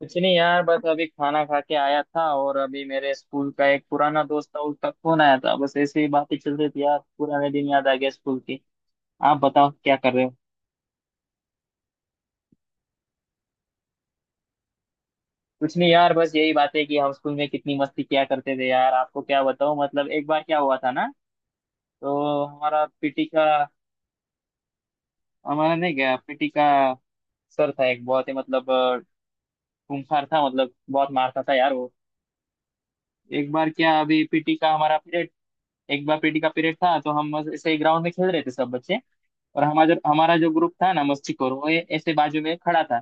कुछ नहीं यार, बस अभी खाना खा के आया था। और अभी मेरे स्कूल का एक पुराना दोस्त था, उसका फोन आया था। बस ऐसे ही बातें चल रही थी यार, पुराने दिन याद आ गया स्कूल की। आप बताओ क्या कर रहे हो। कुछ नहीं यार, बस यही बात है कि हम स्कूल में कितनी मस्ती किया करते थे। यार आपको क्या बताऊं, मतलब एक बार क्या हुआ था ना। तो हमारा पीटी का। हमारा नहीं गया, पीटी का सर था एक बहुत ही मतलब खूंखार था, मतलब बहुत मारता था यार वो। एक बार क्या, अभी पीटी का हमारा पीरियड। एक बार पीटी का पीरियड था तो हम बस ऐसे ग्राउंड में खेल रहे थे सब बच्चे। और हमारा जो ग्रुप था ना, मस्ती करो वो ऐसे बाजू में खड़ा था।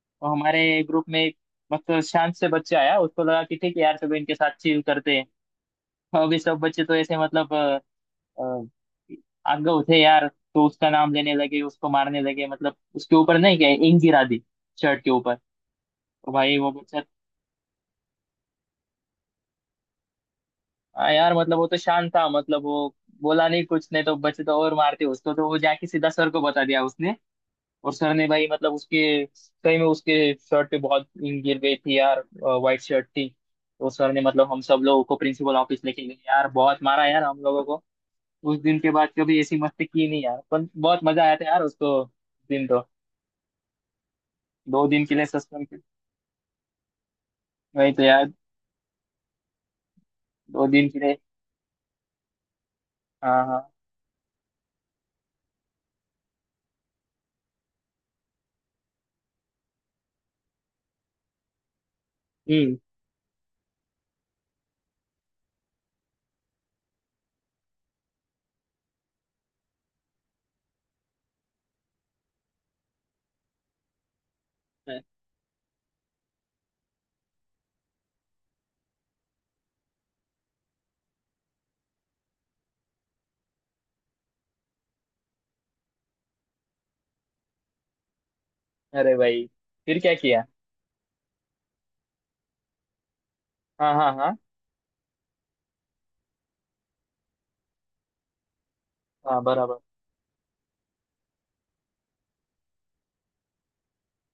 तो हमारे ग्रुप में एक मतलब शांत से बच्चा आया, उसको लगा कि ठीक है यार सब इनके साथ चिल करते हैं। तो अभी सब बच्चे तो ऐसे मतलब आगे थे यार। तो उसका नाम लेने लगे, उसको मारने लगे, मतलब उसके ऊपर नहीं क्या इंक गिरा दी शर्ट के ऊपर। तो भाई वो बच्चा। आ यार, मतलब वो तो शांत था, मतलब वो बोला नहीं कुछ नहीं, तो बच्चे तो और मारते उसको, तो वो जाके सीधा सर को बता दिया उसने। और सर ने भाई मतलब उसके, सही में उसके शर्ट पे बहुत ink गिर गई थी यार, वाइट शर्ट थी। तो सर ने मतलब हम सब लोगों को प्रिंसिपल ऑफिस लेके गए यार, बहुत मारा यार हम लोगों को। उस दिन के बाद कभी ऐसी मस्ती की नहीं यार, पर बहुत मजा आया था यार उसको। दिन तो 2 दिन के लिए सस्पेंड। वही तो यार। 2 दिन के लिए। हाँ, हाँ। हम्म। अरे भाई, फिर क्या किया। हाँ, हाँ, हाँ। हाँ, बराबर।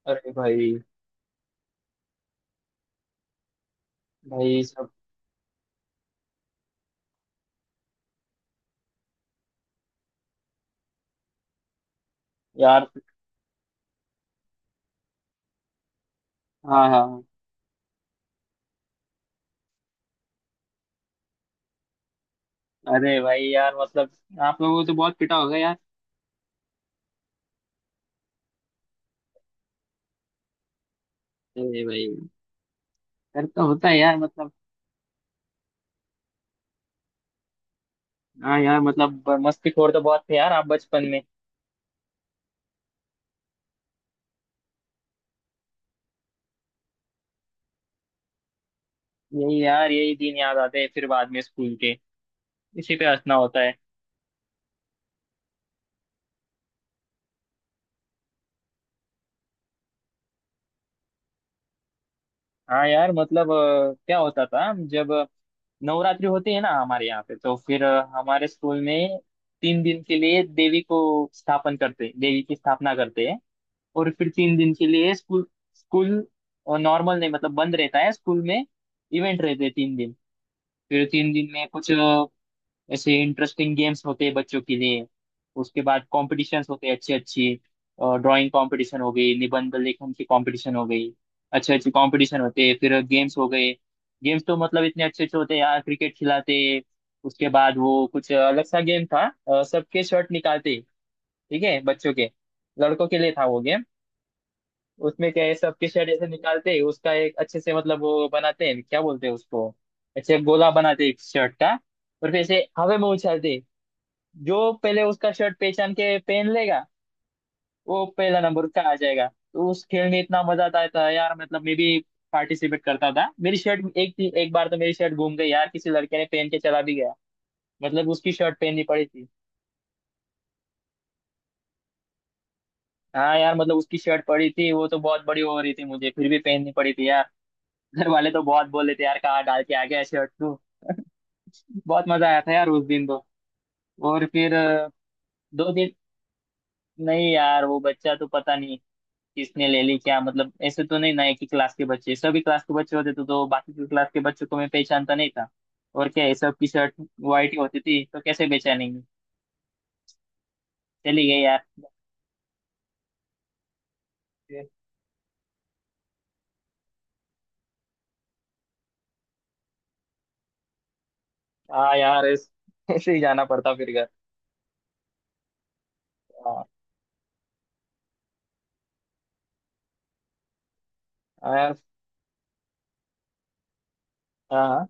अरे भाई। भाई सब। यार। हाँ, हाँ, हाँ। अरे भाई यार मतलब, आप लोगों को तो बहुत पिटा होगा यार। अरे भाई। डर तो होता है यार मतलब। हाँ यार मतलब मस्तीखोर तो बहुत थे यार, आप बचपन में। यही यार, यही दिन याद आते हैं फिर बाद में स्कूल के। इसी पे हंसना होता है। हाँ यार मतलब, क्या होता था जब नवरात्रि होती है ना हमारे यहाँ पे, तो फिर हमारे स्कूल में 3 दिन के लिए देवी को स्थापन करते, देवी की स्थापना करते हैं। और फिर 3 दिन के लिए स्कूल स्कूल नॉर्मल नहीं, मतलब बंद रहता है। स्कूल में इवेंट रहते हैं 3 दिन। फिर तीन दिन में कुछ ऐसे इंटरेस्टिंग गेम्स होते हैं बच्चों के लिए। उसके बाद कॉम्पिटिशन्स होते हैं अच्छे अच्छे। ड्राइंग कंपटीशन हो गई, निबंध लेखन की कंपटीशन हो गई। अच्छे अच्छे कंपटीशन होते हैं, फिर गेम्स हो गए। गेम्स तो मतलब इतने अच्छे अच्छे होते हैं यार, क्रिकेट खिलाते हैं। उसके बाद वो कुछ अलग सा गेम था। सबके शर्ट निकालते। ठीक है, बच्चों के, लड़कों के लिए था वो गेम। उसमें क्या है, सबके शर्ट ऐसे निकालते, उसका एक अच्छे से मतलब वो बनाते हैं, क्या बोलते हैं उसको, ऐसे गोला बनाते एक शर्ट का। और फिर ऐसे हवा में उछालते। जो पहले उसका शर्ट पहचान के पहन लेगा, वो पहला नंबर उसका आ जाएगा। तो उस खेल में इतना मजा आता था यार, मतलब मैं भी पार्टिसिपेट करता था। मेरी शर्ट एक एक बार तो मेरी शर्ट घूम गई यार, किसी लड़के ने पहन के चला भी गया, मतलब उसकी शर्ट पहननी पड़ी थी। हाँ यार मतलब, उसकी शर्ट पड़ी थी, वो तो बहुत बड़ी हो रही थी, मुझे फिर भी पहननी पड़ी थी यार। घर वाले तो बहुत बोले थे यार, कहाँ डाल के आ गया शर्ट तू। बहुत मजा आया था यार उस दिन तो। और फिर 2 दिन। नहीं यार, वो बच्चा तो पता नहीं किसने ले ली क्या, मतलब ऐसे तो नहीं ना एक ही क्लास के बच्चे, सभी क्लास के बच्चे होते तो बाकी के क्लास के बच्चों को मैं पहचानता नहीं था। और क्या है, सबकी शर्ट वाइट ही होती थी, तो कैसे पहचानेंगे। चली गई यार। हाँ यार ऐसे ही जाना पड़ता फिर घर। हाँ, हाँ यार। हाँ, हाँ,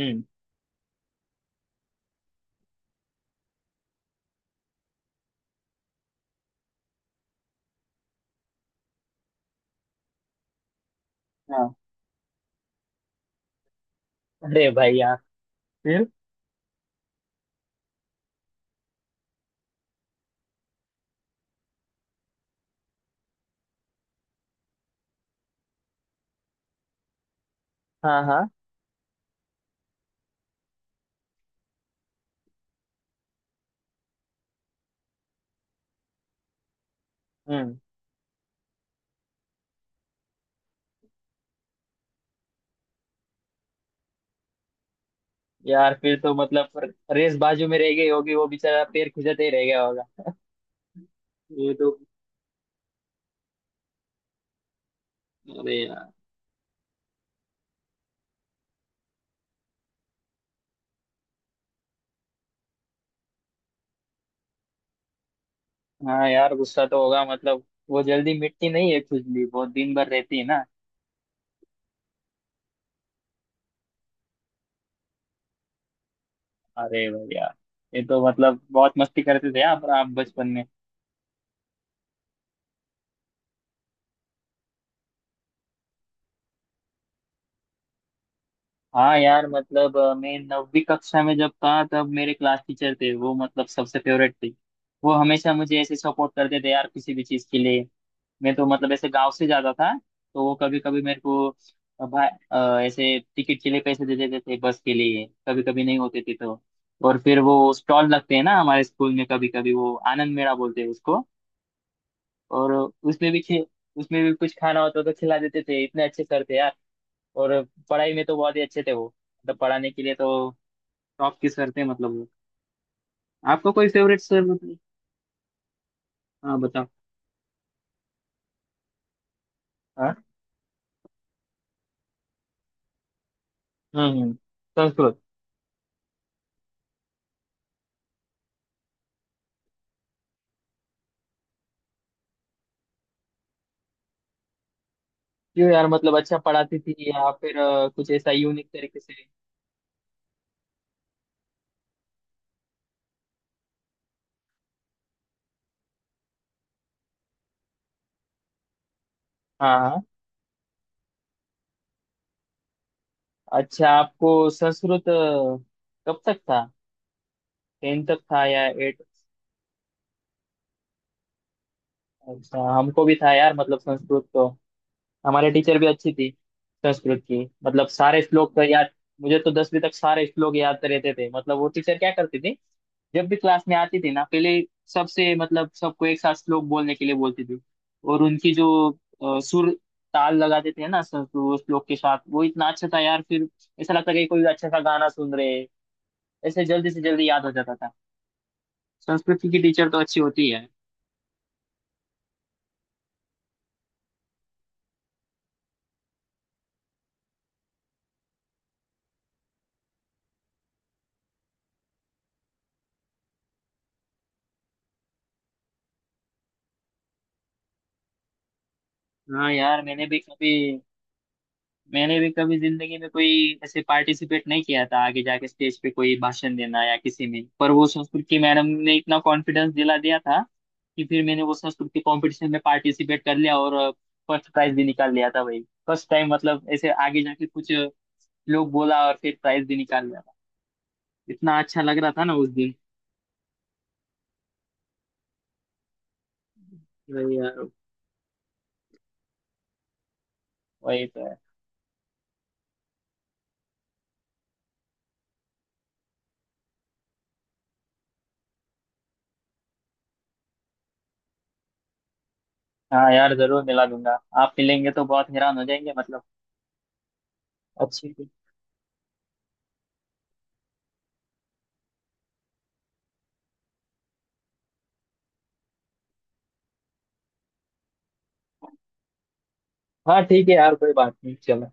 हम्म। हाँ। अरे भाई यार, फिर। हाँ, हाँ। हम्म। यार फिर तो मतलब, रेस बाजू में रह गई होगी, वो बेचारा पैर खुजाते ही रह गया होगा। ये तो। अरे यार। हाँ यार, गुस्सा तो होगा मतलब, वो जल्दी मिटती नहीं है खुजली, बहुत दिन भर रहती है ना। अरे भैया। ये तो मतलब बहुत मस्ती करते थे आप बचपन में। हाँ यार मतलब मैं 9वीं कक्षा में जब था, तब मेरे क्लास टीचर थे वो, मतलब सबसे फेवरेट थे। वो हमेशा मुझे ऐसे सपोर्ट करते थे यार किसी भी चीज के लिए। मैं तो मतलब ऐसे गांव से जाता था, तो वो कभी कभी मेरे को भाई ऐसे टिकट के लिए पैसे दे देते थे बस के लिए, कभी कभी नहीं होते थे तो। और फिर वो स्टॉल लगते हैं ना हमारे स्कूल में, कभी कभी वो आनंद मेला बोलते हैं उसको। और उसमें भी खे उसमें भी कुछ खाना होता तो खिला देते थे, इतने अच्छे सर थे यार। और पढ़ाई में तो बहुत ही अच्छे थे वो, मतलब पढ़ाने के लिए तो टॉप के सर थे मतलब वो। आपको कोई फेवरेट सर मतलब? हाँ बताओ। हाँ। हम्म, हम्म। संस्कृत। क्यों यार मतलब, अच्छा पढ़ाती थी, या फिर कुछ ऐसा यूनिक तरीके से? हाँ, हाँ। अच्छा आपको संस्कृत कब तक था? 10 तक था या 8? अच्छा हमको भी था यार, मतलब संस्कृत तो हमारे टीचर भी अच्छी थी। संस्कृत की मतलब सारे श्लोक तो याद, मुझे तो 10वीं तक सारे श्लोक याद तो रहते थे। मतलब वो टीचर क्या करती थी, जब भी क्लास में आती थी ना पहले, सबसे मतलब सबको एक साथ श्लोक बोलने के लिए बोलती थी। और उनकी जो सुर ताल लगाते थे ना सब वो श्लोक के साथ, वो इतना अच्छा था यार। फिर ऐसा लगता कि कोई अच्छा सा गाना सुन रहे हैं। ऐसे जल्दी से जल्दी याद हो जाता था। संस्कृत की टीचर तो अच्छी होती है। हाँ यार, मैंने भी कभी जिंदगी में कोई ऐसे पार्टिसिपेट नहीं किया था, आगे जाके स्टेज पे कोई भाषण देना या किसी में, पर वो संस्कृत की मैडम ने इतना कॉन्फिडेंस दिला दिया था कि फिर मैंने वो संस्कृत के कंपटीशन में पार्टिसिपेट कर लिया, और फर्स्ट प्राइज भी निकाल लिया था भाई। फर्स्ट टाइम मतलब ऐसे आगे जाके कुछ लोग बोला, और फिर प्राइज भी निकाल लिया था। इतना अच्छा लग रहा था ना उस दिन। वही यार। वही तो है। हाँ यार, जरूर मिला दूंगा। आप मिलेंगे तो बहुत हैरान हो जाएंगे मतलब। अच्छी। हाँ ठीक है यार, कोई बात नहीं, चलो।